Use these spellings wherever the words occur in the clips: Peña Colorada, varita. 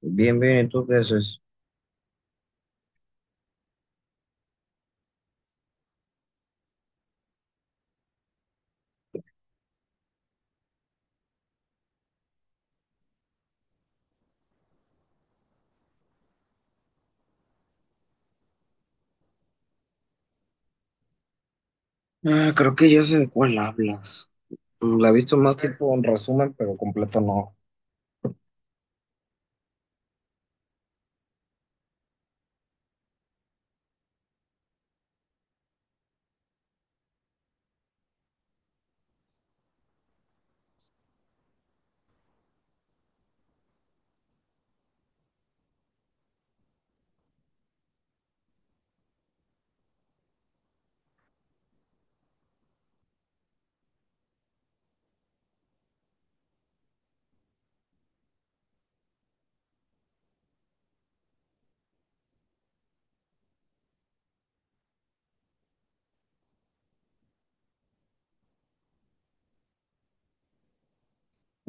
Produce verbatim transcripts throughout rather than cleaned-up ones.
Bien, bien, ¿y tú qué haces? Ah, creo que ya sé de cuál hablas. Mm, la he visto más tipo en resumen, pero completo no.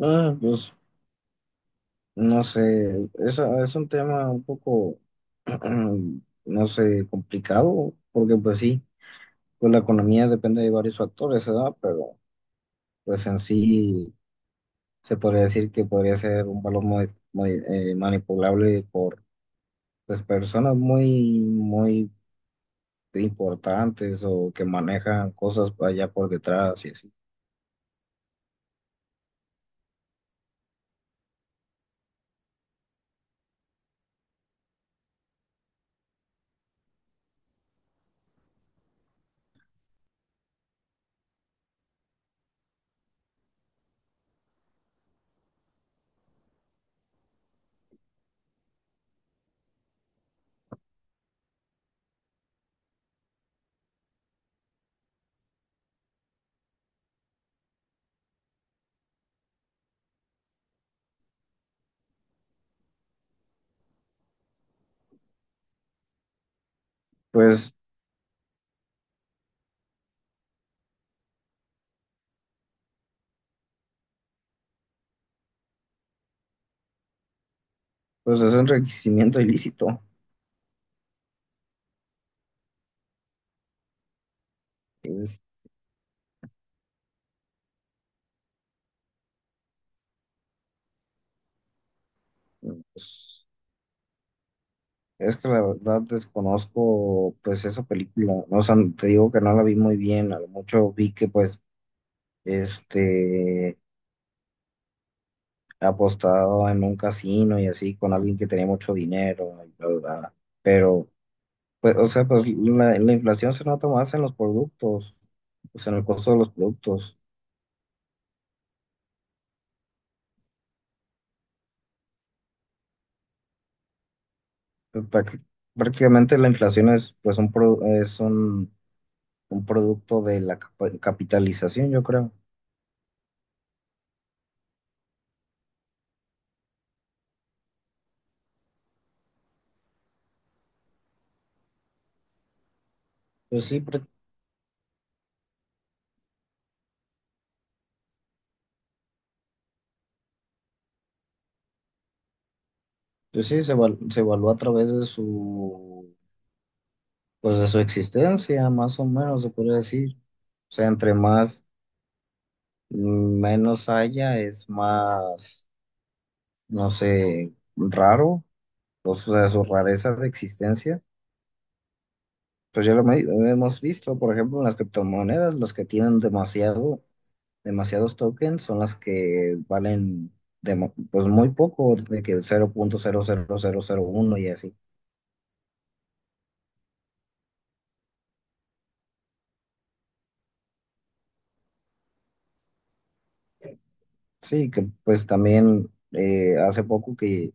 Ah, pues no sé, es, es un tema un poco, no sé, complicado, porque pues sí, pues la economía depende de varios factores, ¿verdad? Pero pues en sí se podría decir que podría ser un valor muy, muy eh, manipulable por pues personas muy, muy importantes o que manejan cosas allá por detrás y así. Pues, pues es un enriquecimiento ilícito. Es, pues, es que la verdad desconozco pues esa película. No, o sea, te digo que no la vi muy bien. A lo mucho vi que pues este apostaba en un casino y así con alguien que tenía mucho dinero y bla, bla, bla. Pero, pues, o sea, pues la, la inflación se nota más en los productos, pues en el costo de los productos. Práct- Prácticamente la inflación es pues un pro- es un un producto de la capa- capitalización, yo creo. Pues sí, pre- pues sí, se, val- se evaluó a través de su, pues de su existencia, más o menos, se podría decir. O sea, entre más, mm, menos haya, es más, no sé, raro, o sea, su rareza de existencia. Pues ya lo me- lo hemos visto, por ejemplo, en las criptomonedas, los que tienen demasiado, demasiados tokens son las que valen demo- pues muy poco, de que cero punto cero cero cero cero punto uno y así. Sí, que pues también eh, hace poco que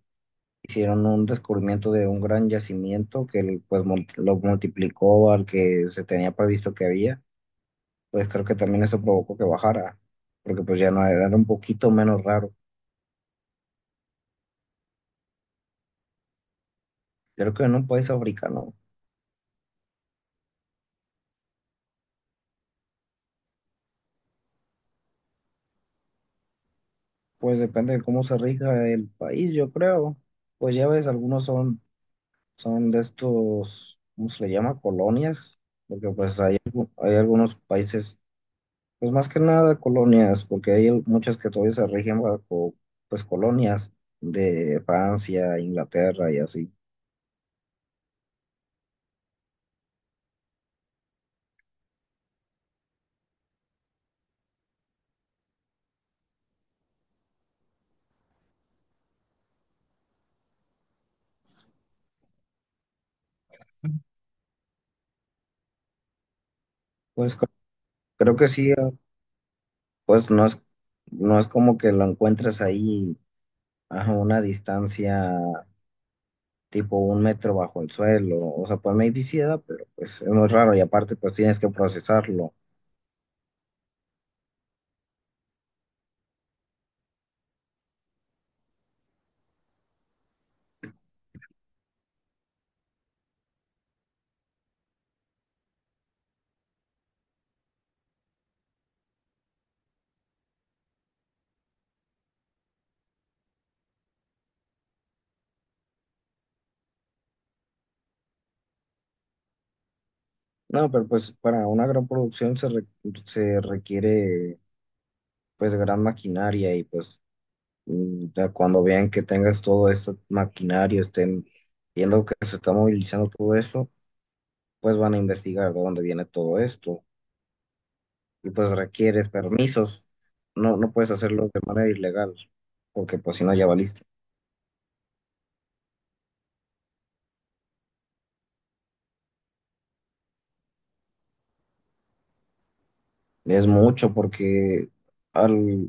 hicieron un descubrimiento de un gran yacimiento que pues mul- lo multiplicó al que se tenía previsto que había, pues creo que también eso provocó que bajara, porque pues ya no era, era un poquito menos raro. Creo que en un país africano. Pues depende de cómo se rija el país, yo creo. Pues ya ves, algunos son, son de estos, ¿cómo se le llama? Colonias, porque pues hay, algu- hay algunos países, pues más que nada colonias, porque hay al- muchas que todavía se rigen bajo, pues colonias de Francia, Inglaterra y así. Pues cre- Creo que sí, eh, pues no es, no es como que lo encuentres ahí a una distancia tipo un metro bajo el suelo. O sea, pues maybe sí da, pero pues es muy raro y aparte pues tienes que procesarlo. No, pero pues para una gran producción se, re- se requiere pues gran maquinaria y pues mm, ya cuando vean que tengas todo este maquinario, estén viendo que se está movilizando todo esto, pues van a investigar de dónde viene todo esto y pues requieres permisos. No, no puedes hacerlo de manera ilegal porque pues si no ya valiste. Es mucho porque al,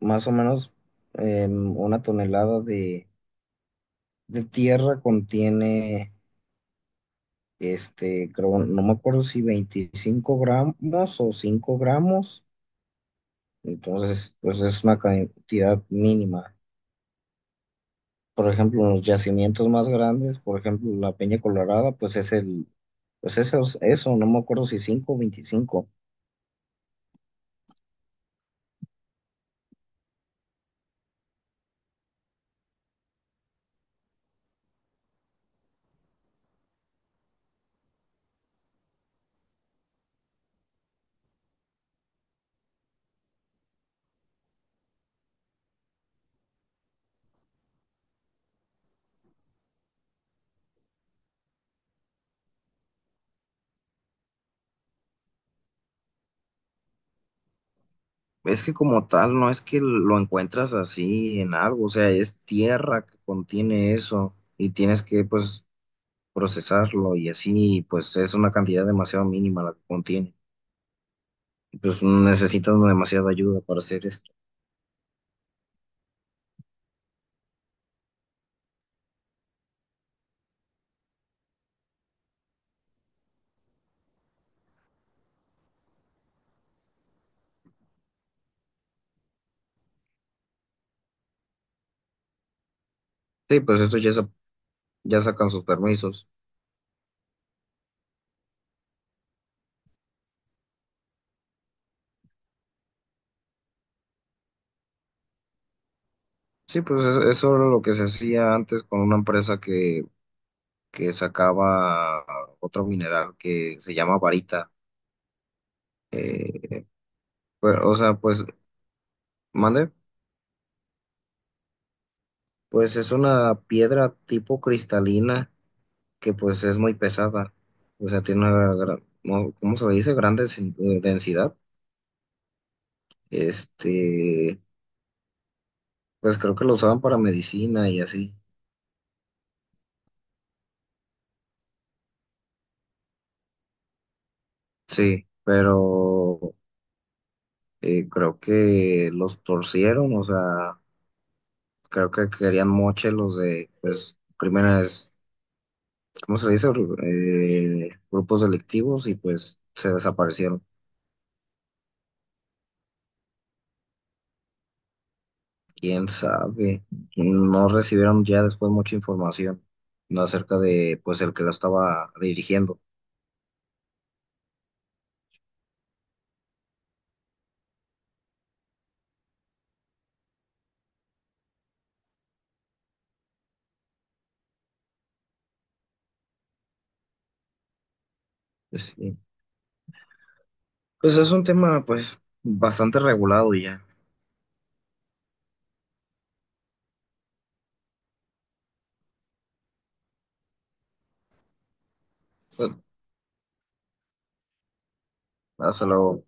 más o menos em, una tonelada de, de tierra contiene, este, creo, no me acuerdo si veinticinco gramos o cinco gramos, entonces pues es una cantidad mínima. Por ejemplo, los yacimientos más grandes, por ejemplo, la Peña Colorada, pues es el, pues eso, eso, no me acuerdo si cinco o veinticinco. Es que como tal, no es que lo encuentras así en algo, o sea, es tierra que contiene eso y tienes que pues procesarlo y así, pues es una cantidad demasiado mínima la que contiene. Y, pues necesitan demasiada ayuda para hacer esto. Sí, pues esto ya, sa- ya sacan sus permisos. Sí, pues es eso era lo que se hacía antes con una empresa que, que sacaba otro mineral que se llama varita. Eh, pues, o sea, pues, mande, pues es una piedra tipo cristalina que pues es muy pesada. O sea, tiene una gran, ¿cómo se le dice? Gran densi- eh, densidad. Este, pues creo que lo usaban para medicina y así. Sí, pero eh, creo que los torcieron, o sea, creo que querían moche los de, pues, primeras, ¿cómo se le dice? Ru- eh, grupos delictivos y pues se desaparecieron. ¿Quién sabe? No recibieron ya después mucha información, ¿no? Acerca de, pues, el que lo estaba dirigiendo. Pues, sí. Pues es un tema, pues, bastante regulado y ya. Pues, hasta luego.